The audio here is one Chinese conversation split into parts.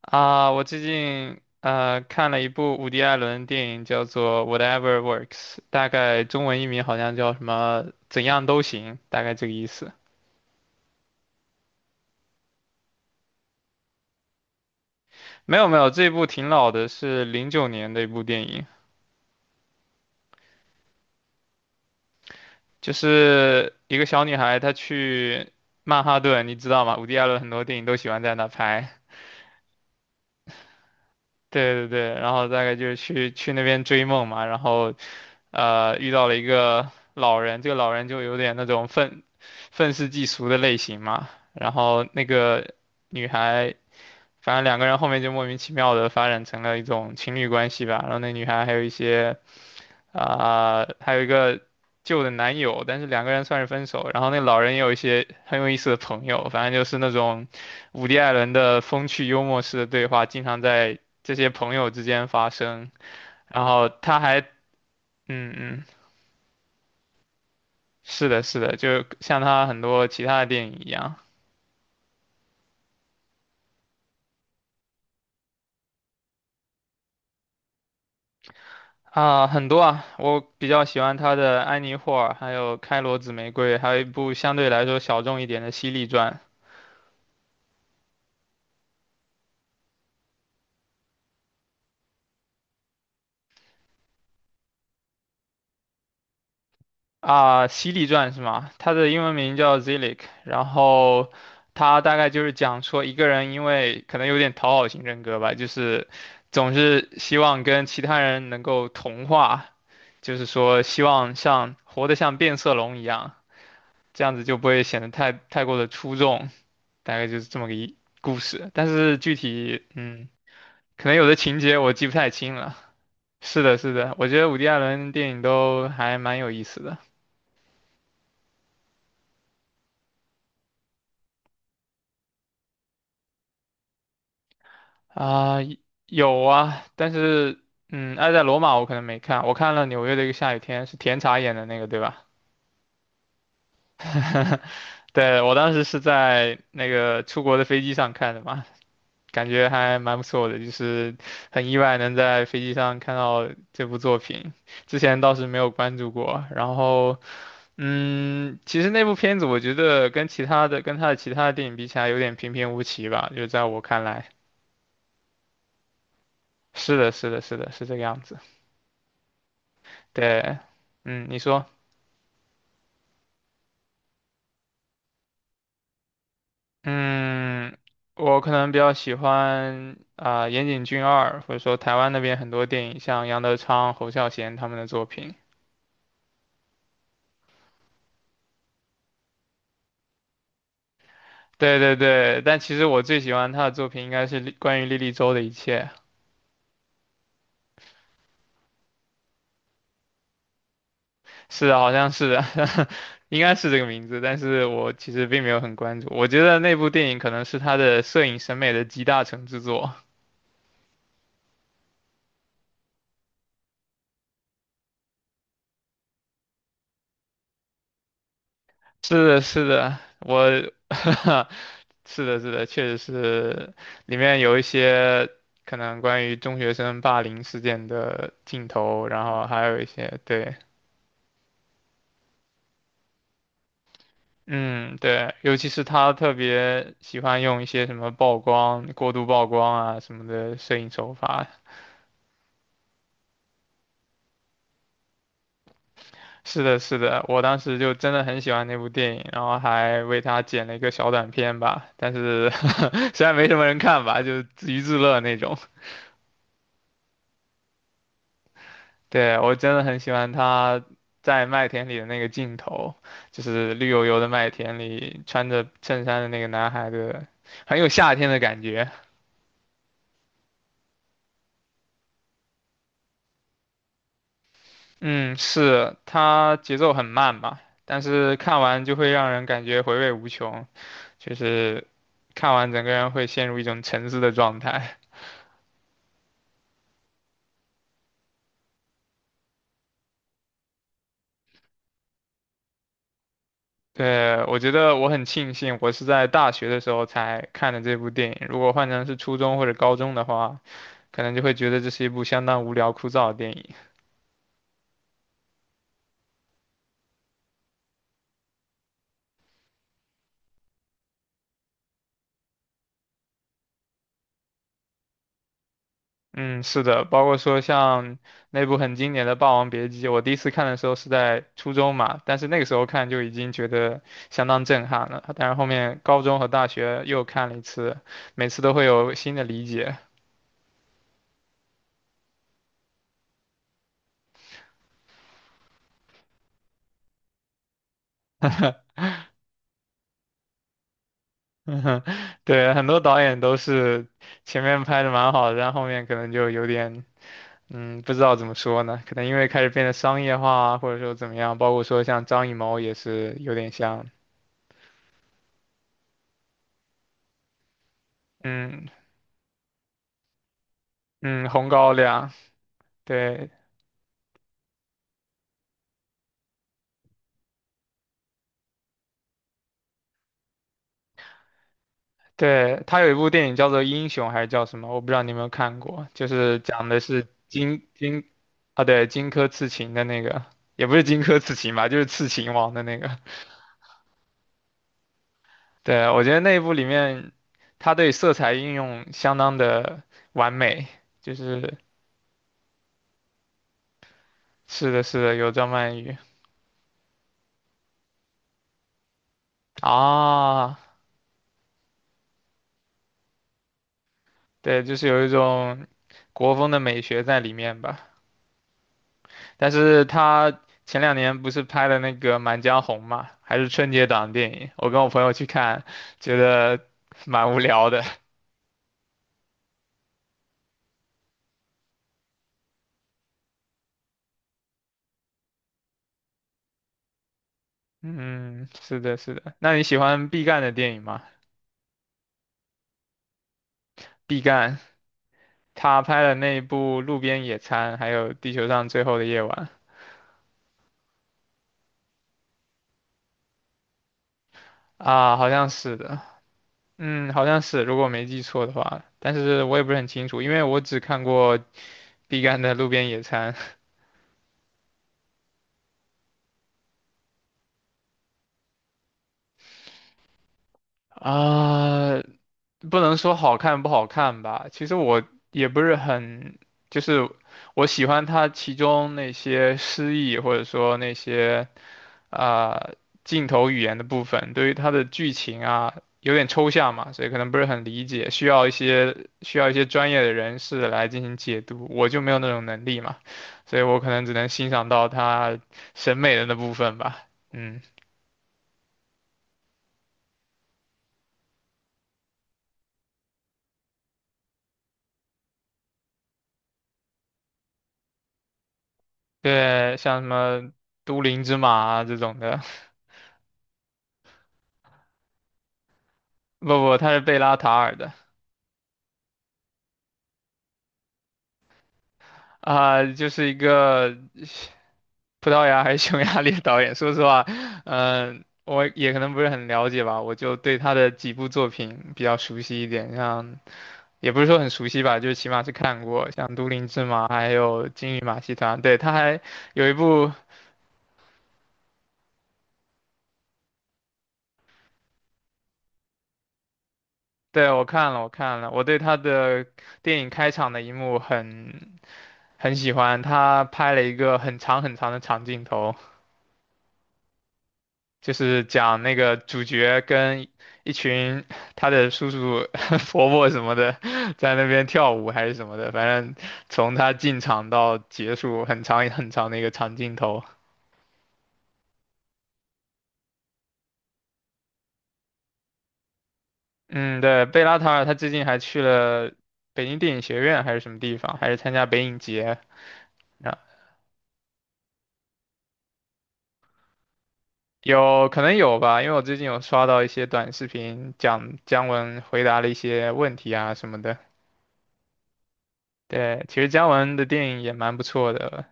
啊，我最近看了一部伍迪·艾伦的电影，叫做《Whatever Works》，大概中文译名好像叫什么“怎样都行”，大概这个意思。没有没有，这部挺老的，是09年的一部电影，就是一个小女孩她去曼哈顿，你知道吗？伍迪·艾伦很多电影都喜欢在那拍。对对对，然后大概就是去那边追梦嘛，然后遇到了一个老人，这个老人就有点那种愤世嫉俗的类型嘛。然后那个女孩，反正两个人后面就莫名其妙的发展成了一种情侣关系吧。然后那女孩还有一些还有一个旧的男友，但是两个人算是分手。然后那老人也有一些很有意思的朋友，反正就是那种伍迪·艾伦的风趣幽默式的对话，经常在这些朋友之间发生。然后他还，嗯嗯。是的，是的，就像他很多其他的电影一样。啊，很多啊，我比较喜欢他的《安妮霍尔》，还有《开罗紫玫瑰》，还有一部相对来说小众一点的《犀利传》。啊，《犀利传》是吗？它的英文名叫 Zilic，然后它大概就是讲说一个人因为可能有点讨好型人格吧，就是总是希望跟其他人能够同化，就是说希望像活得像变色龙一样，这样子就不会显得太过的出众。大概就是这么个故事。但是具体，可能有的情节我记不太清了。是的，是的，我觉得伍迪·艾伦电影都还蛮有意思的。啊、有啊，但是，嗯，爱在罗马我可能没看，我看了《纽约的一个下雨天》，是甜茶演的那个，对吧？对，我当时是在那个出国的飞机上看的嘛，感觉还蛮不错的，就是很意外能在飞机上看到这部作品，之前倒是没有关注过。然后其实那部片子我觉得跟他的其他的电影比起来，有点平平无奇吧，就在我看来。是的，是的，是的，是这个样子。对，嗯，你说，嗯，我可能比较喜欢岩井俊二，或者说台湾那边很多电影，像杨德昌、侯孝贤他们的作品。对对对，但其实我最喜欢他的作品应该是关于莉莉周的一切。是的，好像是应该是这个名字，但是我其实并没有很关注。我觉得那部电影可能是他的摄影审美的集大成之作。是的，是的，我，是的，是的，确实是，里面有一些可能关于中学生霸凌事件的镜头，然后还有一些，对，嗯，对，尤其是他特别喜欢用一些什么曝光、过度曝光啊什么的摄影手法。是的，是的，我当时就真的很喜欢那部电影，然后还为它剪了一个小短片吧，但是 虽然没什么人看吧，就自娱自乐那种。对，我真的很喜欢他在麦田里的那个镜头，就是绿油油的麦田里穿着衬衫的那个男孩的，很有夏天的感觉。嗯，是，他节奏很慢吧，但是看完就会让人感觉回味无穷，就是看完整个人会陷入一种沉思的状态。对，我觉得我很庆幸，我是在大学的时候才看的这部电影。如果换成是初中或者高中的话，可能就会觉得这是一部相当无聊枯燥的电影。嗯，是的，包括说像那部很经典的《霸王别姬》，我第一次看的时候是在初中嘛，但是那个时候看就已经觉得相当震撼了。但是后面高中和大学又看了一次，每次都会有新的理解。嗯哼。对，很多导演都是前面拍的蛮好的，但后面可能就有点。嗯，不知道怎么说呢，可能因为开始变得商业化啊，或者说怎么样，包括说像张艺谋也是有点像。嗯嗯，红高粱，对对，他有一部电影叫做《英雄》还是叫什么，我不知道你有没有看过，就是讲的是啊，对，荆轲刺秦的那个，也不是荆轲刺秦吧，就是刺秦王的那个，对，我觉得那一部里面，他对色彩运用相当的完美，就是是的是的，有张曼玉。啊。对，就是有一种国风的美学在里面吧。但是他前两年不是拍了那个《满江红》嘛，还是春节档电影，我跟我朋友去看，觉得蛮无聊的。嗯，是的，是的。那你喜欢毕赣的电影吗？毕赣他拍了那一部《路边野餐》，还有《地球上最后的夜晚》。啊，好像是的，嗯，好像是，如果我没记错的话，但是我也不是很清楚，因为我只看过毕赣的《路边野餐》。啊，不能说好看不好看吧，其实我也不是很，就是我喜欢它其中那些诗意或者说那些啊、呃镜头语言的部分，对于它的剧情啊有点抽象嘛，所以可能不是很理解，需要一些专业的人士来进行解读，我就没有那种能力嘛，所以我可能只能欣赏到它审美的那部分吧，嗯，对，像什么都灵之马啊这种的。不不，他是贝拉塔尔的。就是一个葡萄牙还是匈牙利的导演。说实话，我也可能不是很了解吧，我就对他的几部作品比较熟悉一点，像也不是说很熟悉吧，就是起码是看过，像《都灵之马》还有《金鱼马戏团》。对，他还有一部，对，我看了，我看了，我对他的电影开场的一幕很喜欢，他拍了一个很长很长的长镜头。就是讲那个主角跟一群他的叔叔、伯伯什么的在那边跳舞还是什么的，反正从他进场到结束很长很长的一个长镜头。嗯，对，贝拉塔尔他最近还去了北京电影学院还是什么地方，还是参加北影节。啊，有可能有吧，因为我最近有刷到一些短视频讲姜文回答了一些问题啊什么的。对，其实姜文的电影也蛮不错的，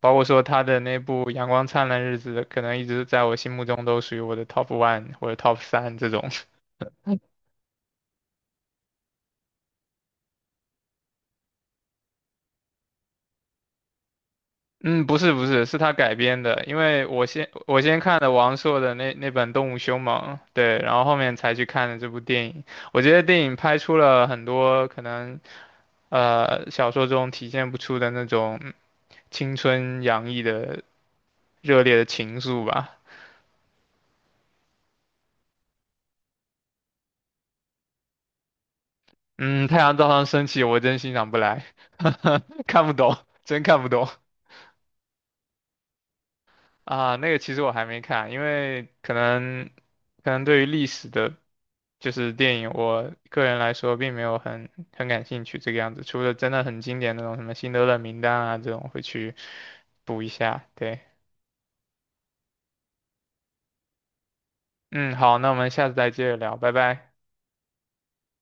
包括说他的那部《阳光灿烂日子》，可能一直在我心目中都属于我的 top 1 或者 top 三这种。嗯，不是不是，是他改编的，因为我先看了王朔的那本《动物凶猛》，对，然后后面才去看的这部电影。我觉得电影拍出了很多可能小说中体现不出的那种青春洋溢的热烈的情愫吧。嗯，太阳照常升起，我真欣赏不来，看不懂，真看不懂。啊，那个其实我还没看，因为可能对于历史的，就是电影，我个人来说并没有很感兴趣这个样子，除了真的很经典那种什么《辛德勒名单》啊这种会去补一下。对，嗯，好，那我们下次再接着聊，拜拜。